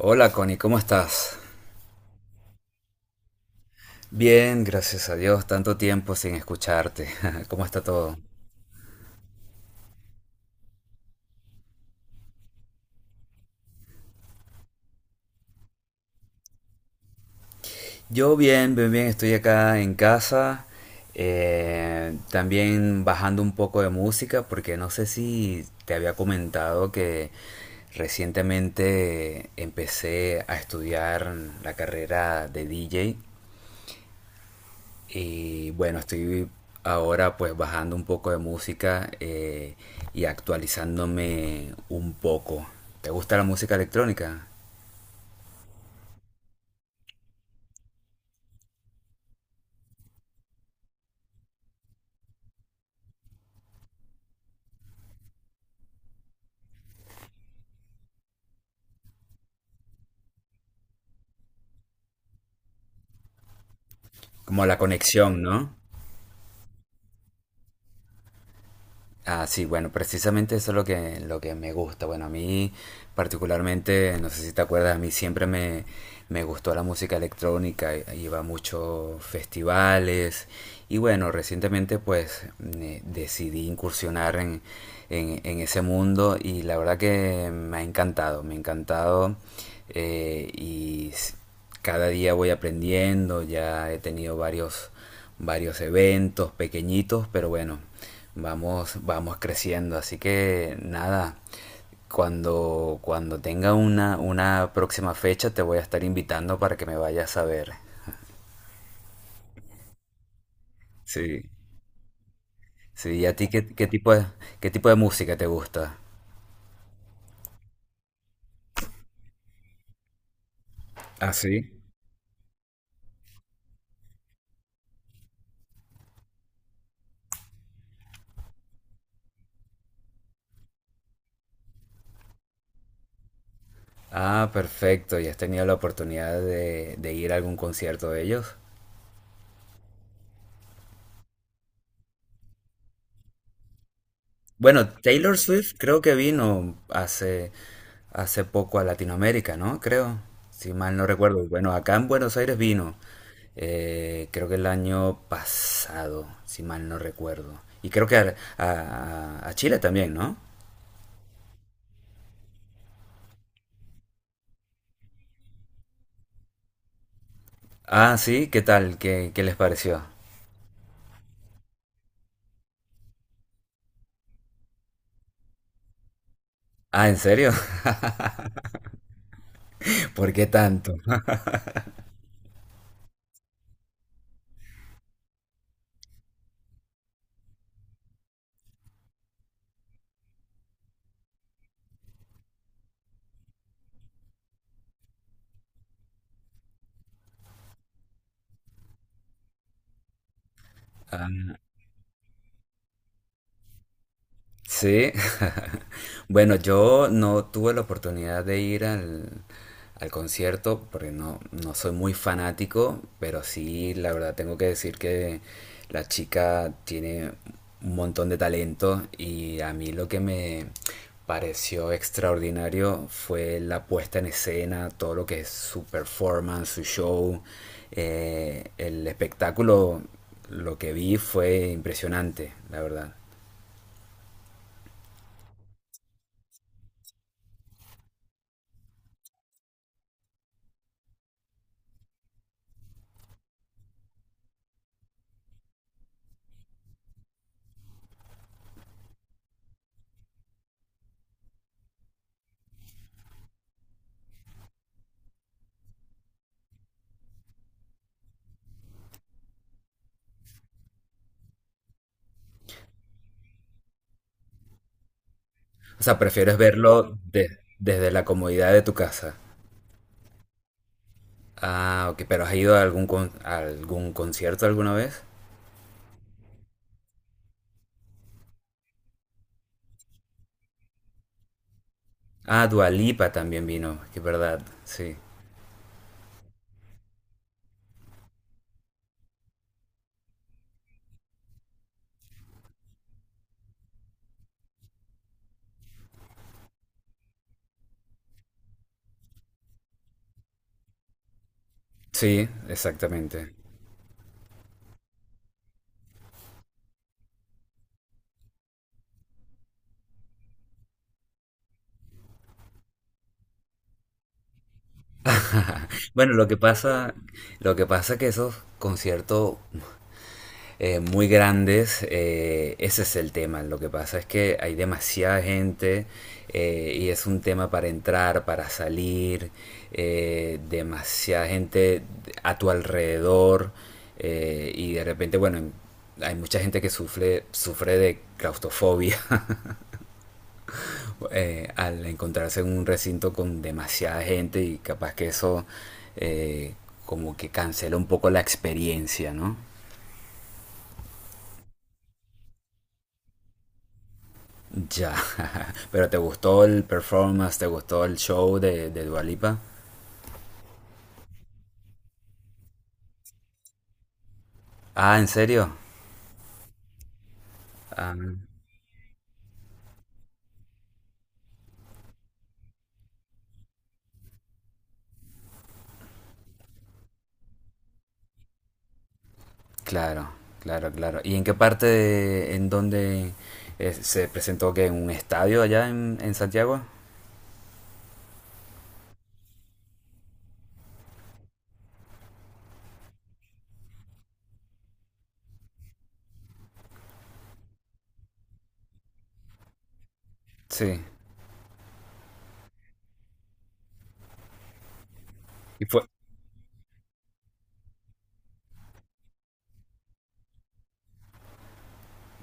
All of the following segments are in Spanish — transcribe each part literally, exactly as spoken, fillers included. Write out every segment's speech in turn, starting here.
Hola Connie, ¿cómo estás? Bien, gracias a Dios, tanto tiempo sin escucharte. ¿Cómo está todo? Yo bien, bien, bien, estoy acá en casa, eh, también bajando un poco de música, porque no sé si te había comentado que recientemente empecé a estudiar la carrera de D J. Y bueno, estoy ahora pues bajando un poco de música, eh, y actualizándome un poco. ¿Te gusta la música electrónica? Como la conexión, ¿no? Ah, sí, bueno, precisamente eso es lo que, lo que me gusta. Bueno, a mí particularmente, no sé si te acuerdas, a mí siempre me, me gustó la música electrónica, i- iba a muchos festivales y bueno, recientemente pues me decidí incursionar en, en, en ese mundo y la verdad que me ha encantado, me ha encantado, eh, y s- cada día voy aprendiendo, ya he tenido varios, varios eventos pequeñitos, pero bueno, vamos, vamos creciendo. Así que nada, cuando, cuando tenga una, una próxima fecha te voy a estar invitando para que me vayas a ver. Sí. Sí, ¿y a ti qué, qué tipo de, qué tipo de música te gusta? Ah, sí. Ah, perfecto. ¿Y has tenido la oportunidad de, de ir a algún concierto de ellos? Bueno, Taylor Swift creo que vino hace, hace poco a Latinoamérica, ¿no? Creo, si mal no recuerdo. Y bueno, acá en Buenos Aires vino, eh, creo que el año pasado, si mal no recuerdo. Y creo que a, a- a Chile también, ¿no? Ah, sí, ¿qué tal? ¿Qué, qué les pareció? Ah, ¿en serio? ¿Por qué tanto? Ah. Sí, bueno, yo no tuve la oportunidad de ir al, al concierto porque no, no soy muy fanático, pero sí, la verdad tengo que decir que la chica tiene un montón de talento y a mí lo que me pareció extraordinario fue la puesta en escena, todo lo que es su performance, su show, eh, el espectáculo, lo que vi fue impresionante, la verdad. O sea, prefieres verlo de- desde la comodidad de tu casa. Ah, ok, pero ¿has ido a algún, con- a algún concierto alguna vez? Ah, Dua Lipa también vino, que es verdad, sí. Sí, exactamente. Bueno, lo que pasa, lo que pasa es que esos conciertos, eh, muy grandes, eh, ese es el tema. Lo que pasa es que hay demasiada gente, eh, y es un tema para entrar, para salir, eh, demasiada gente a tu alrededor, eh, y de repente, bueno, hay mucha gente que sufre, sufre de claustrofobia. eh, al encontrarse en un recinto con demasiada gente y capaz que eso, eh, como que cancela un poco la experiencia, ¿no? Ya, pero ¿te gustó el performance? ¿Te gustó el show de, de Dua Lipa? Ah, ¿en serio? Ah, claro, claro, claro. ¿Y en qué parte de- en dónde, eh, se presentó que en un estadio allá en, en Santiago? Sí. Y fue,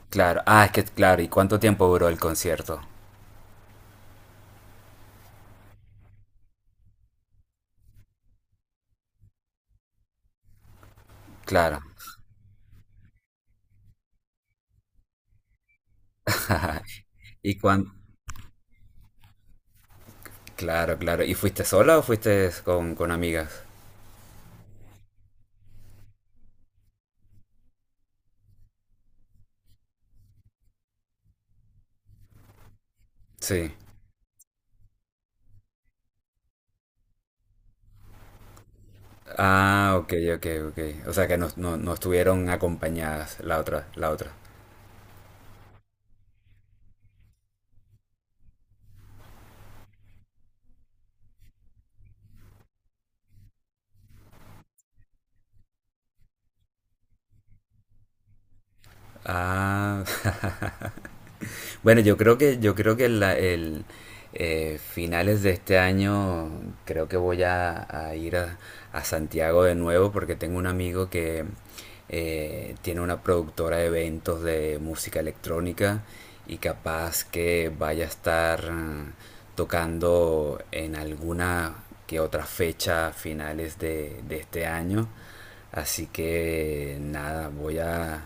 claro, ah, es que claro, ¿y cuánto tiempo duró el concierto? Claro. ¿Y cuán, claro, claro. ¿Y fuiste sola o fuiste con, con amigas? Sí. Ah, ok, ok, ok. O sea que no, no, no estuvieron acompañadas la otra, la otra. Ah, bueno, yo creo que, yo creo que la- el, eh, finales de este año creo que voy a, a ir a, a Santiago de nuevo porque tengo un amigo que, eh, tiene una productora de eventos de música electrónica y capaz que vaya a estar, mm, tocando en alguna que otra fecha a finales de de este año. Así que nada, voy a...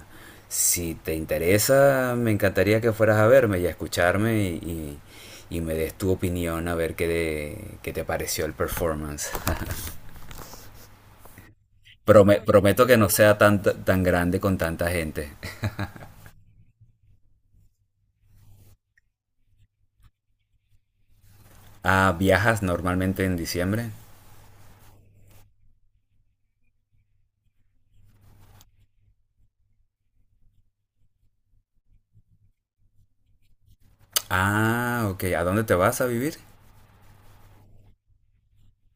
Si te interesa, me encantaría que fueras a verme y a escucharme y, y- y me des tu opinión a ver qué, de- qué te pareció el performance. Prome- prometo que no sea tan, tan grande con tanta gente. Ah, ¿viajas normalmente en diciembre? Ah, ok. ¿A dónde te vas a vivir?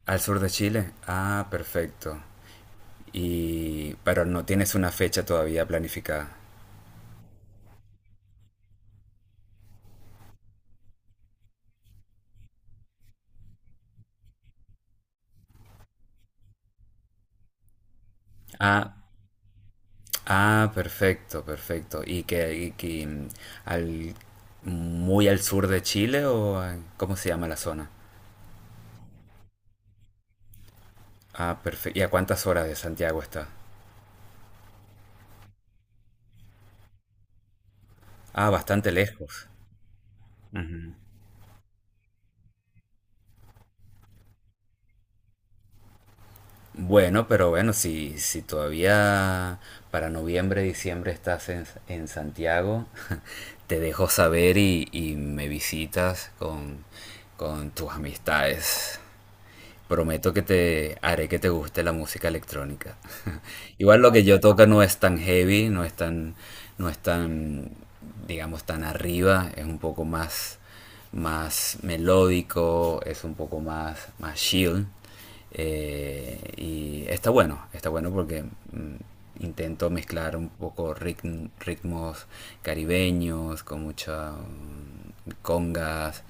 Al sur de Chile. Ah, perfecto. Y... pero no tienes una fecha todavía planificada. Ah, ah, perfecto, perfecto. ¿Y que, y que, mm, al, muy al sur de Chile o a- cómo se llama la zona? Ah, perfecto. ¿Y a cuántas horas de Santiago está? Ah, bastante lejos. Ujú. Bueno, pero bueno, si, si todavía para noviembre, diciembre estás en, en Santiago, te dejo saber y, y me visitas con, con tus amistades. Prometo que te haré que te guste la música electrónica. Igual lo que yo toca no es tan heavy, no es tan, no es tan, digamos, tan arriba, es un poco más, más melódico, es un poco más, más chill. Eh, y está bueno, está bueno porque, mm, intento mezclar un poco ritm- ritmos caribeños con muchas um, congas,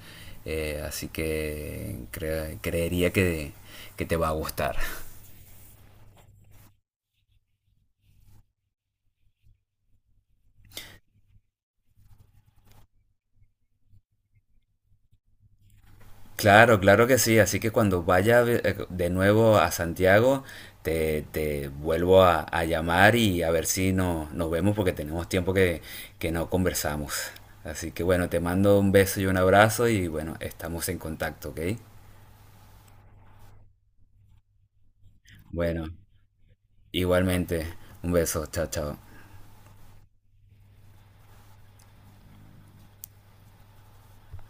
eh, así que cre- creería que, que te va a gustar. Claro, claro que sí. Así que cuando vaya ve- eh, de nuevo a Santiago, te, te vuelvo a, a llamar y a ver si no, nos vemos porque tenemos tiempo que, que no conversamos. Así que bueno, te mando un beso y un abrazo y bueno, estamos en contacto, ¿ok? Bueno, igualmente, un beso, chao, chao.